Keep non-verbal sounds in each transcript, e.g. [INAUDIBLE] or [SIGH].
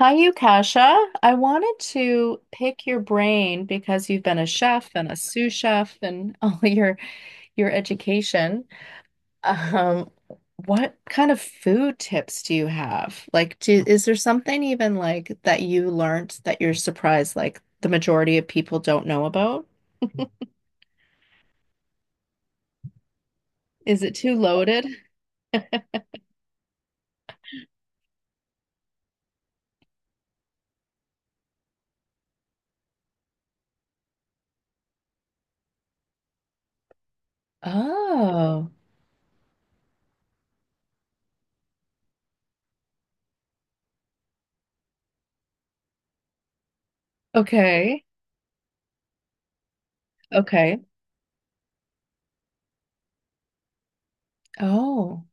Hi, Yukasha. I wanted to pick your brain because you've been a chef and a sous chef and [LAUGHS] all your education. Um, what kind of food tips do you have? Like, is there something even like that you learned that you're surprised like the majority of people don't know about? Is it too loaded? Oh, okay. Okay. Oh,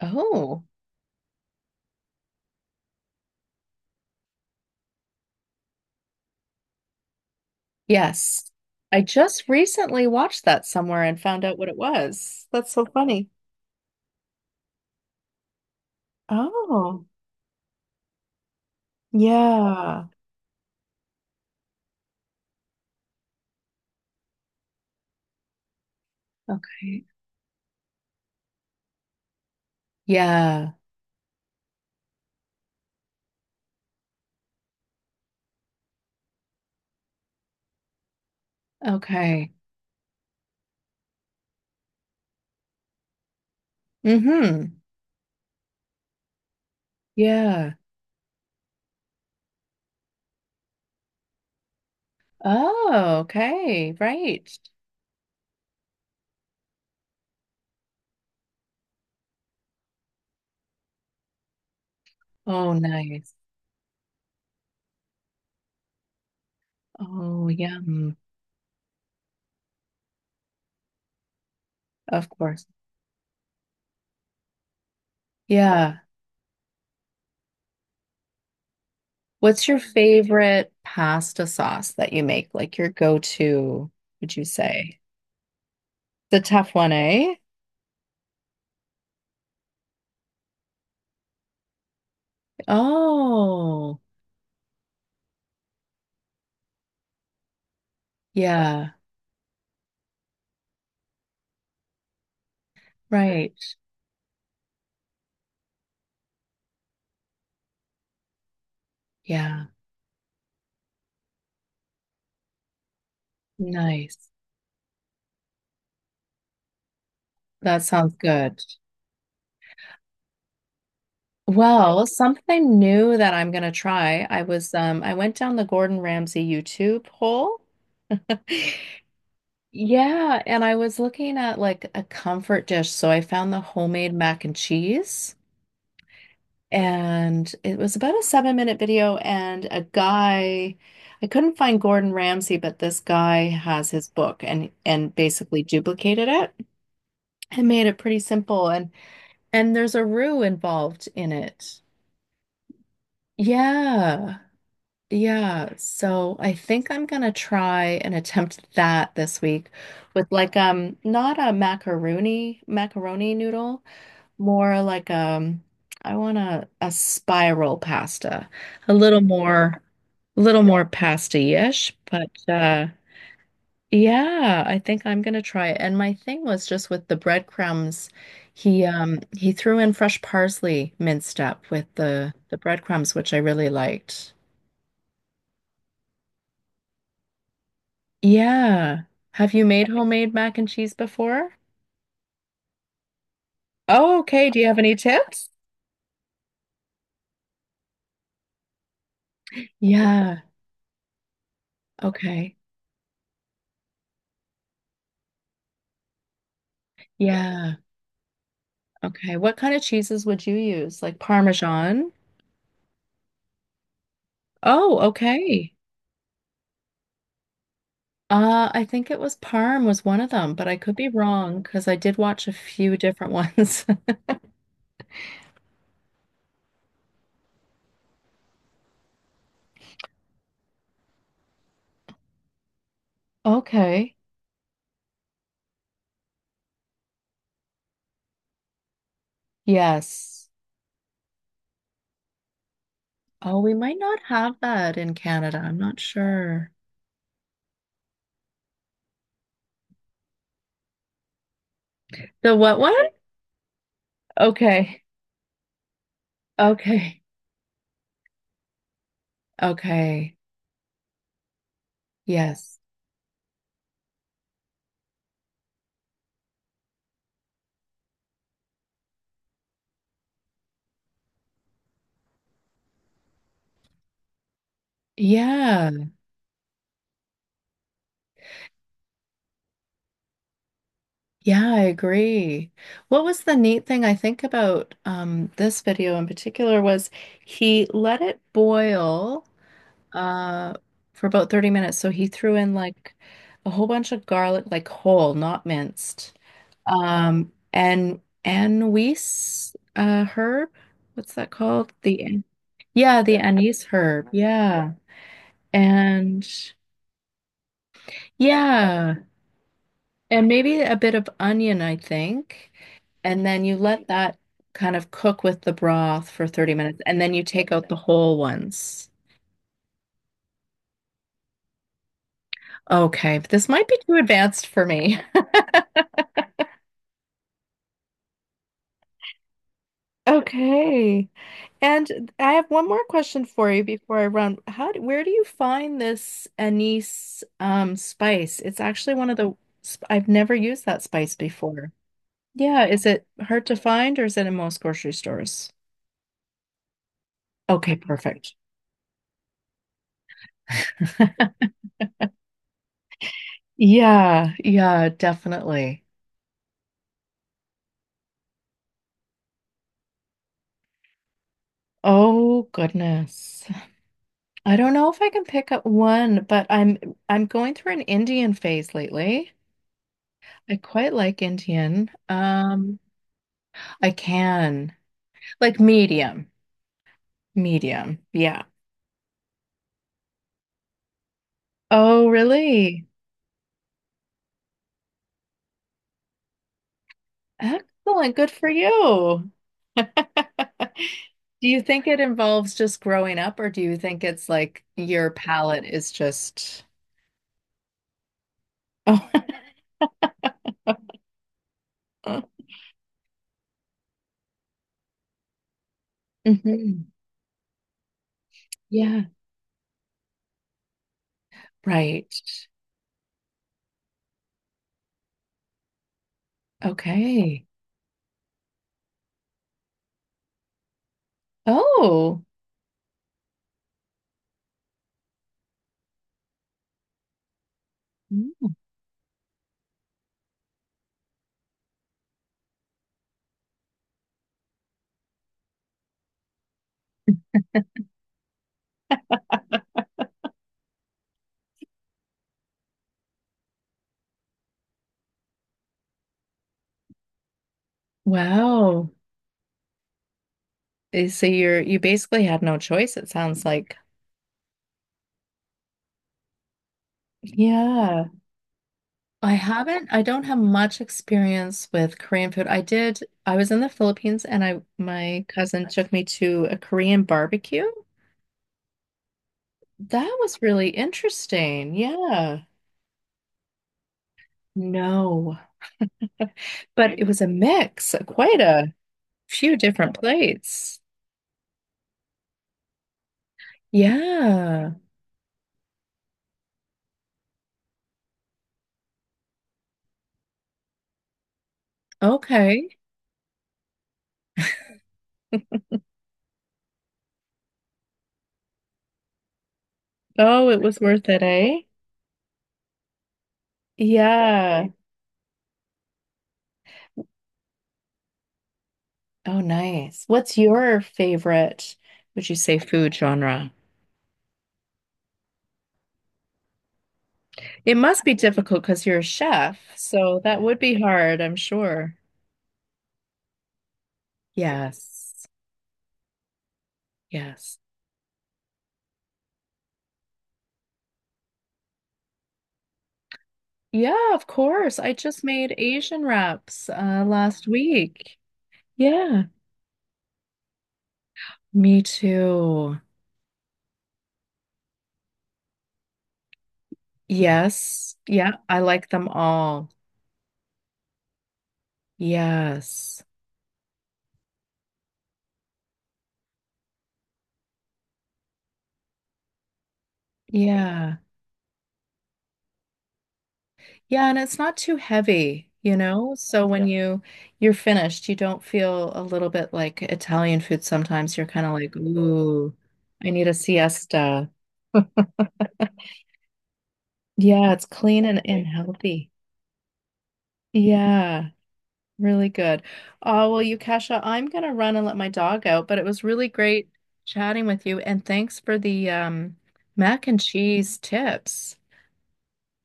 oh. Yes. I just recently watched that somewhere and found out what it was. That's so funny. Oh, yeah. Okay. Yeah. Okay. Mm-hmm. Yeah. Oh, okay. Right. Oh, nice. Oh, yum. Of course. Yeah. What's your favorite pasta sauce that you make? Like your go-to, would you say? The tough one, eh? Oh, yeah. Right. Yeah. Nice. That sounds good. Well, something new that I'm gonna try. I was I went down the Gordon Ramsay YouTube hole. [LAUGHS] Yeah, and I was looking at like a comfort dish, so I found the homemade mac and cheese, and it was about a 7-minute video. And a guy, I couldn't find Gordon Ramsay, but this guy has his book and basically duplicated it and made it pretty simple. And there's a roux involved in it. Yeah. Yeah. So I think I'm gonna try and attempt that this week with like not a macaroni noodle, more like I want a spiral pasta. A little more a little more pasty-ish, but yeah, I think I'm gonna try it. And my thing was just with the breadcrumbs, he threw in fresh parsley minced up with the breadcrumbs, which I really liked. Yeah. Have you made homemade mac and cheese before? Oh, okay. Do you have any tips? Yeah. Okay. Yeah. Okay. What kind of cheeses would you use? Like Parmesan? Oh, okay. I think it was Parm was one of them, but I could be wrong because I did watch a few different ones. [LAUGHS] Okay. Yes. Oh, we might not have that in Canada. I'm not sure. The what one? Okay. Okay. Okay. Yes. Yeah. Yeah, I agree. What was the neat thing I think about this video in particular was he let it boil uh, for about 30 minutes. So he threw in like a whole bunch of garlic, like whole, not minced. And anise herb, what's that called? Yeah, the anise herb. Yeah. And yeah. And maybe a bit of onion, I think. And then you let that kind of cook with the broth for 30 minutes, and then you take out the whole ones. Okay, this might be too advanced for me. [LAUGHS] Okay. And I have one more question for you before I run. Where do you find this anise spice? It's actually one of the, sp- I've never used that spice before. Yeah, is it hard to find or is it in most grocery stores? Okay, perfect. [LAUGHS] Yeah, yeah, definitely. Oh goodness. I don't know if I can pick up one, but I'm going through an Indian phase lately. I quite like Indian. I can. Like medium. Medium. Yeah. Oh, really? Excellent. Good for you. [LAUGHS] Do you think it involves just growing up, or do you think it's like your palate is just [LAUGHS] Oh. [LAUGHS] Mhm. Yeah. Right. Okay. Oh, Mm. wow. Eh, so you basically had no choice, it sounds like. Yeah. I don't have much experience with Korean food. I did, I was in the Philippines and I my cousin took me to a Korean barbecue. That was really interesting. Yeah. No. [LAUGHS] But it was a mix, quite a few different plates. Yeah. Okay. Oh, it was worth it, eh? Yeah. Right. Oh, nice. What's your favorite, would you say, food genre? It must be difficult because you're a chef, so that would be hard, I'm sure. Yes. Yes. Yeah, of course. I just made Asian wraps last week. Yeah, me too. Yes. Yeah, I like them all. Yes. Yeah. Yeah, and it's not too heavy, you know? So when yeah, you're finished, you don't feel a little bit like Italian food sometimes. You're kind of like, ooh, I need a siesta. Yeah, it's clean and exactly, healthy. Yeah, really good. Oh, well, you Kasha, I'm gonna run and let my dog out, but it was really great chatting with you, and thanks for the mac and cheese tips,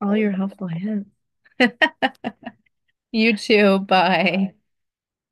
all your helpful hints. [LAUGHS] You too, bye.